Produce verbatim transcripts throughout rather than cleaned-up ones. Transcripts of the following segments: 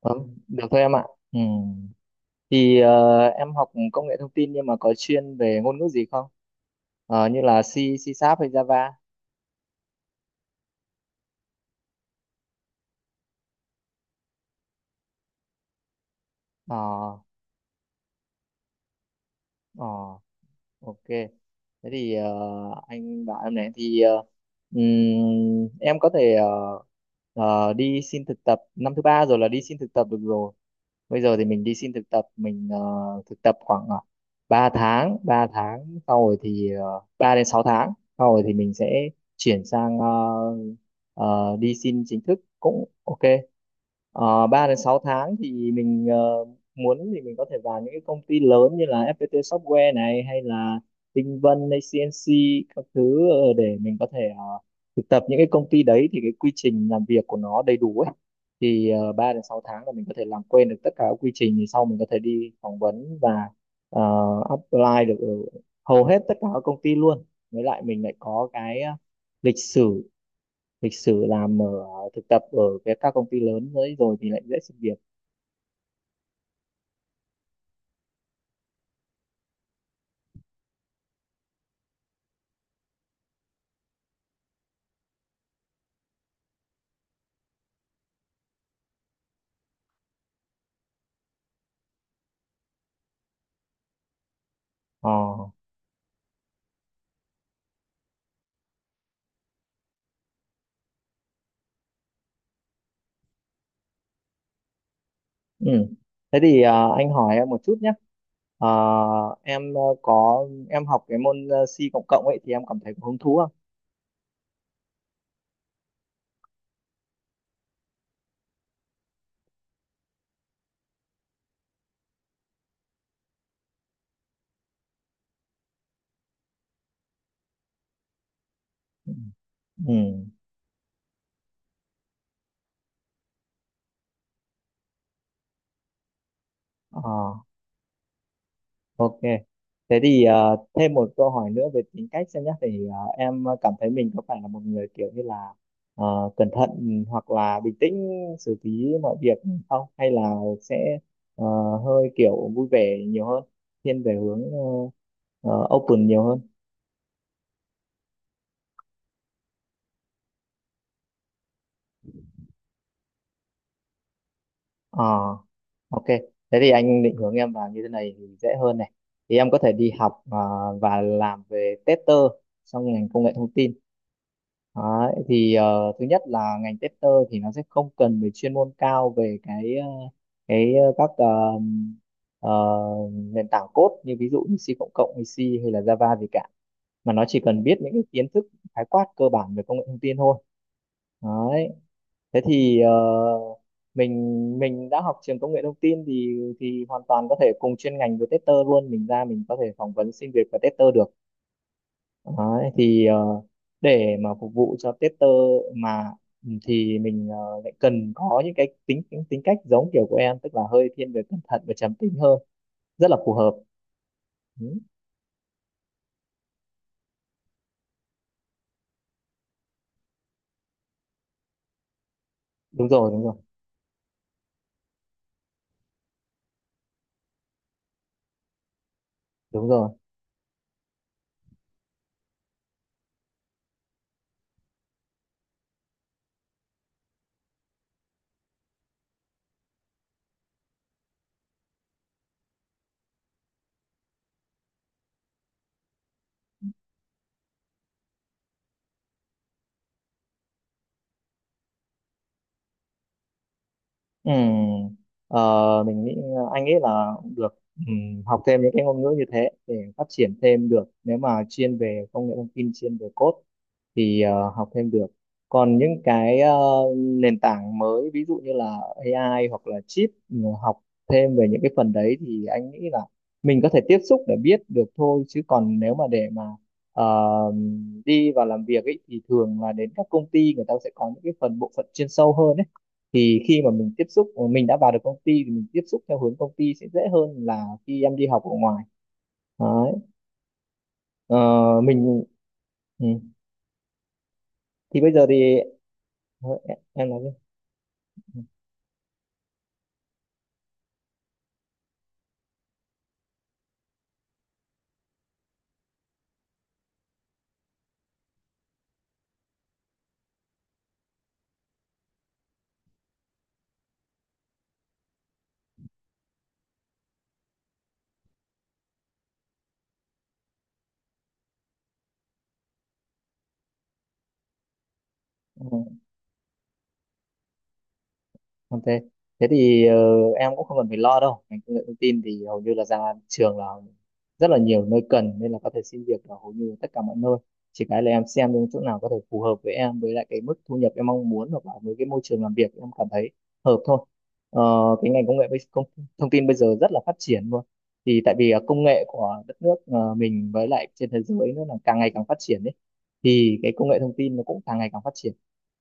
Vâng, được thôi em ạ. Ừ. Thì ờ, em học công nghệ thông tin nhưng mà có chuyên về ngôn ngữ gì không? Ờ, như là C, C Sharp hay Java? Ờ, ờ, ok. Thế thì ờ, anh bảo em này thì ờ, ừm, em có thể ờ, ờ, đi xin thực tập năm thứ ba rồi là đi xin thực tập được rồi. Bây giờ thì mình đi xin thực tập mình ờ, thực tập khoảng uh, ba tháng ba tháng sau rồi thì uh, ba đến sáu tháng sau rồi thì mình sẽ chuyển sang ờ, ờ, đi xin chính thức cũng ok. uh, ba đến sáu tháng thì mình ờ, muốn thì mình có thể vào những cái công ty lớn như là ép pê tê Software này hay là Tinh Vân hay xê en xê các thứ, ờ, để mình có thể ờ, thực tập những cái công ty đấy thì cái quy trình làm việc của nó đầy đủ ấy. Thì uh, ba đến sáu tháng là mình có thể làm quen được tất cả các quy trình thì sau mình có thể đi phỏng vấn và ờ, apply được ở hầu hết tất cả các công ty luôn. Với lại mình lại có cái ờ, lịch sử lịch sử làm ở ờ, thực tập ở cái các công ty lớn đấy rồi thì lại dễ xin việc. Ờ. Ừ. Thế thì ờ, anh hỏi em một chút nhé. Ờ. Em ờ, có em học cái môn ờ, C cộng cộng ấy thì em cảm thấy có hứng thú không? Ừ. Ừ. Ờ. Ok. Thế thì ờ, thêm một câu hỏi nữa về tính cách xem nhé. Thì ờ, em cảm thấy mình có phải là một người kiểu như là ờ, cẩn thận hoặc là bình tĩnh xử lý mọi việc không? Hay là sẽ ờ, hơi kiểu vui vẻ nhiều hơn, thiên về hướng ờ, ờ, open nhiều hơn? Ờ, ok. Thế thì anh định hướng em vào như thế này thì dễ hơn này. Thì em có thể đi học ờ, và làm về tester trong ngành công nghệ thông tin. Đấy, thì ờ, thứ nhất là ngành tester thì nó sẽ không cần về chuyên môn cao về cái ờ, cái ờ, các ờ, ờ, nền tảng code như ví dụ như C cộng cộng hay C hay là Java gì cả, mà nó chỉ cần biết những cái kiến thức khái quát cơ bản về công nghệ thông tin thôi. Đấy, thế thì ờ, mình mình đã học trường công nghệ thông tin thì thì hoàn toàn có thể cùng chuyên ngành với tester luôn. Mình ra mình có thể phỏng vấn xin việc và tester được. Đấy, thì ờ, để mà phục vụ cho tester mà, ừ, thì mình ờ, lại cần có những cái tính tính tính cách giống kiểu của em, tức là hơi thiên về cẩn thận và trầm tính hơn, rất là phù hợp. Ừ. đúng rồi đúng rồi đúng rồi Ừ. Ờ, mình nghĩ ờ, anh nghĩ là được. Ừ, học thêm những cái ngôn ngữ như thế để phát triển thêm được, nếu mà chuyên về công nghệ thông tin chuyên về code thì ờ, học thêm được. Còn những cái ờ, nền tảng mới ví dụ như là a i hoặc là chip, ừ, học thêm về những cái phần đấy thì anh nghĩ là mình có thể tiếp xúc để biết được thôi, chứ còn nếu mà để mà ờ, đi vào làm việc ấy thì thường là đến các công ty người ta sẽ có những cái phần bộ phận chuyên sâu hơn ấy. Thì khi mà mình tiếp xúc mình đã vào được công ty thì mình tiếp xúc theo hướng công ty sẽ dễ hơn là khi em đi học ở ngoài. Đấy. Ờ, mình, ừ, thì bây giờ thì ờ, em nói đi. Ừ. Ok. Thế thì ờ, em cũng không cần phải lo đâu. Ngành công nghệ thông tin thì hầu như là ra trường là rất là nhiều nơi cần, nên là có thể xin việc ở hầu như tất cả mọi nơi. Chỉ cái là em xem những chỗ nào có thể phù hợp với em, với lại cái mức thu nhập em mong muốn hoặc là với cái môi trường làm việc em cảm thấy hợp thôi. Ờ, cái ngành công nghệ bây- công, thông tin bây giờ rất là phát triển luôn. Thì tại vì ờ, công nghệ của đất nước ờ, mình với lại trên thế giới nó là càng ngày càng phát triển đấy. Thì cái công nghệ thông tin nó cũng càng ngày càng phát triển.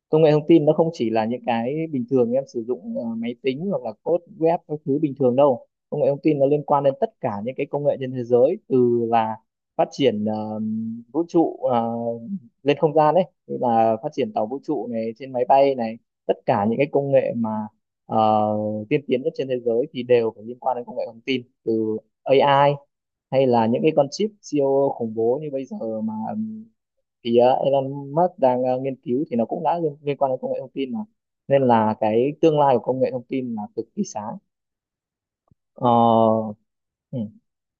Công nghệ thông tin nó không chỉ là những cái bình thường em sử dụng ờ, máy tính hoặc là code web các thứ bình thường đâu. Công nghệ thông tin nó liên quan đến tất cả những cái công nghệ trên thế giới, từ là phát triển ờ, vũ trụ, ờ, lên không gian ấy, như là phát triển tàu vũ trụ này, trên máy bay này, tất cả những cái công nghệ mà ờ, tiên tiến nhất trên thế giới thì đều phải liên quan đến công nghệ thông tin. Từ a i hay là những cái con chip siêu khủng bố như bây giờ mà thì ờ, Elon Musk đang ờ, nghiên cứu thì nó cũng đã liên, liên quan đến công nghệ thông tin mà, nên là cái tương lai của công nghệ thông tin là cực kỳ sáng. Ờ. Ừ.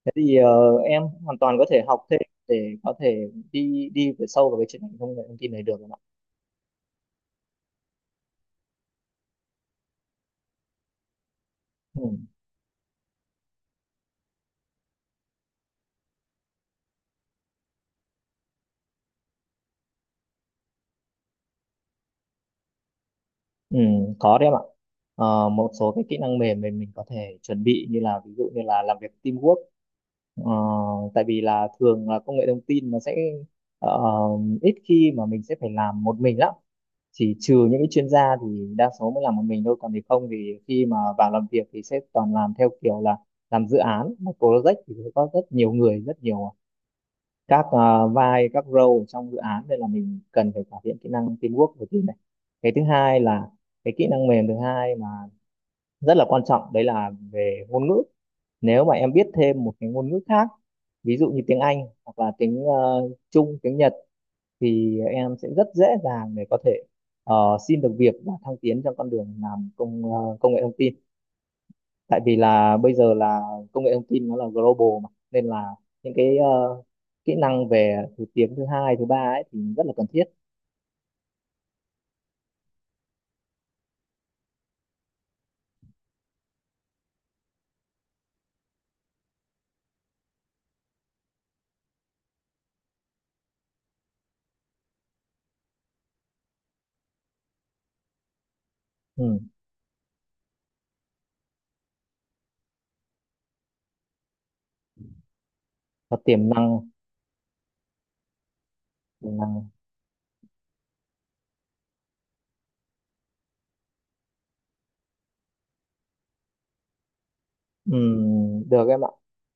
Thế thì ờ, em hoàn toàn có thể học thêm để có thể đi đi về sâu vào cái chuyên ngành công nghệ thông tin này được em ạ. Ừ. Ừ, có đấy em ạ. Ờ, một số cái kỹ năng mềm mình mình có thể chuẩn bị, như là ví dụ như là làm việc teamwork. Ờ, tại vì là thường là công nghệ thông tin nó sẽ ờ, ít khi mà mình sẽ phải làm một mình lắm. Thì trừ những cái chuyên gia thì đa số mới làm một mình thôi, còn thì không thì khi mà vào làm việc thì sẽ toàn làm theo kiểu là làm dự án, một project thì sẽ có rất nhiều người, rất nhiều các ờ, vai các role ở trong dự án, nên là mình cần phải cải thiện kỹ năng teamwork đầu tiên này. Cái thứ hai là cái kỹ năng mềm thứ hai mà rất là quan trọng, đấy là về ngôn ngữ. Nếu mà em biết thêm một cái ngôn ngữ khác, ví dụ như tiếng Anh hoặc là tiếng ờ, Trung, tiếng Nhật thì em sẽ rất dễ dàng để có thể ờ, xin được việc và thăng tiến trong con đường làm công ờ, công nghệ thông tin. Tại vì là bây giờ là công nghệ thông tin nó là global mà, nên là những cái ờ, kỹ năng về thứ tiếng thứ hai thứ ba ấy thì rất là cần thiết. Ừ. Và tiềm năng, tiềm năng ừ, được em ạ.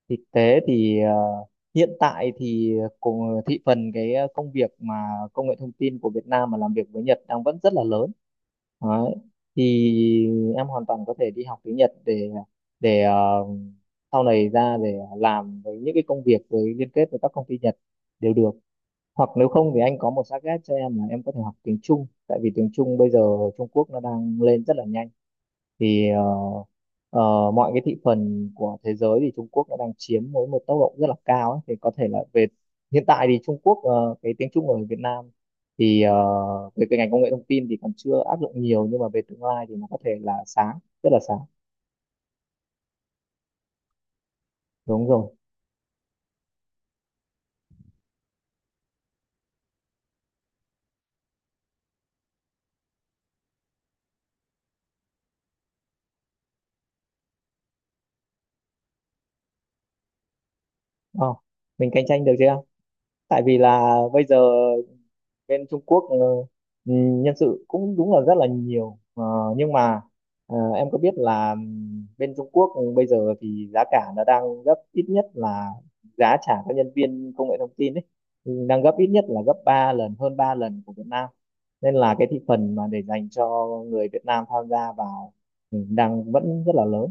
Thực tế thì ờ, hiện tại thì cùng thị phần cái công việc mà công nghệ thông tin của Việt Nam mà làm việc với Nhật đang vẫn rất là lớn. Đấy. Thì em hoàn toàn có thể đi học tiếng Nhật để để ờ, sau này ra để làm với những cái công việc với liên kết với các công ty Nhật đều được. Hoặc nếu không thì anh có một target cho em là em có thể học tiếng Trung, tại vì tiếng Trung bây giờ, Trung Quốc nó đang lên rất là nhanh. Thì ờ, ờ, mọi cái thị phần của thế giới thì Trung Quốc đã đang chiếm với một tốc độ rất là cao ấy. Thì có thể là về hiện tại thì Trung Quốc, ờ, cái tiếng Trung ở Việt Nam thì ờ, về cái ngành công nghệ thông tin thì còn chưa áp dụng nhiều, nhưng mà về tương lai thì nó có thể là sáng, rất là sáng. Đúng rồi. Ờ, mình cạnh tranh được chưa, tại vì là bây giờ bên Trung Quốc ờ, ừ, nhân sự cũng đúng là rất là nhiều. Ờ, nhưng mà ờ, em có biết là ừm, bên Trung Quốc bây giờ thì giá cả nó đang gấp ít nhất là, giá trả cho nhân viên công nghệ thông tin ấy, ừ, đang gấp ít nhất là gấp ba lần, hơn ba lần của Việt Nam. Nên là cái thị phần mà để dành cho người Việt Nam tham gia vào, ừ, đang vẫn rất là lớn.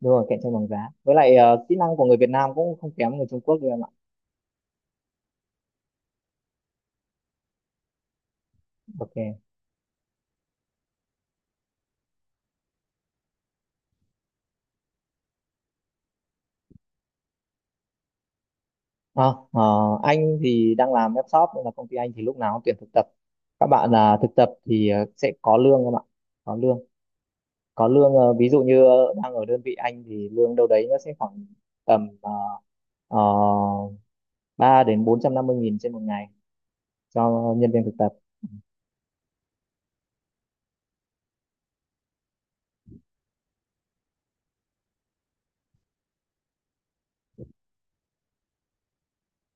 Đúng rồi, cạnh tranh bằng giá, với lại ờ, kỹ năng của người Việt Nam cũng không kém người Trung Quốc đâu em ạ. Ok. À, ờ, anh thì đang làm web shop nên là công ty anh thì lúc nào cũng tuyển thực tập. Các bạn là thực tập thì ờ, sẽ có lương không ạ? Có lương. Có lương, ờ, ví dụ như ờ, đang ở đơn vị anh thì lương đâu đấy nó sẽ khoảng tầm uh, ba đến bốn trăm năm mươi nghìn trên một ngày cho nhân viên thực tập.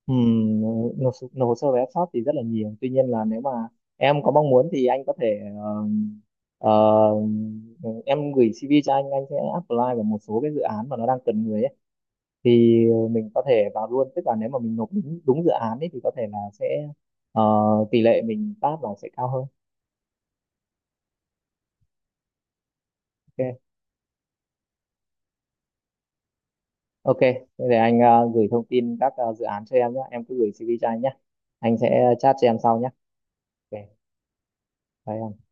Ừm, nộp, nộp hồ sơ về web shop thì rất là nhiều. Tuy nhiên là nếu mà em có mong muốn thì anh có thể ờ, ờ, em gửi xi vi cho anh, anh sẽ apply vào một số cái dự án mà nó đang cần người ấy. Thì ờ, mình có thể vào luôn, tức là nếu mà mình nộp đúng, đúng dự án ấy thì có thể là sẽ, ờ, tỷ lệ mình pass là sẽ cao hơn. Ok. Ok, thế để anh ờ, gửi thông tin các ờ, dự án cho em nhé, em cứ gửi xê vê cho anh nhé, anh sẽ chat cho em sau nhé. Ok, bye em.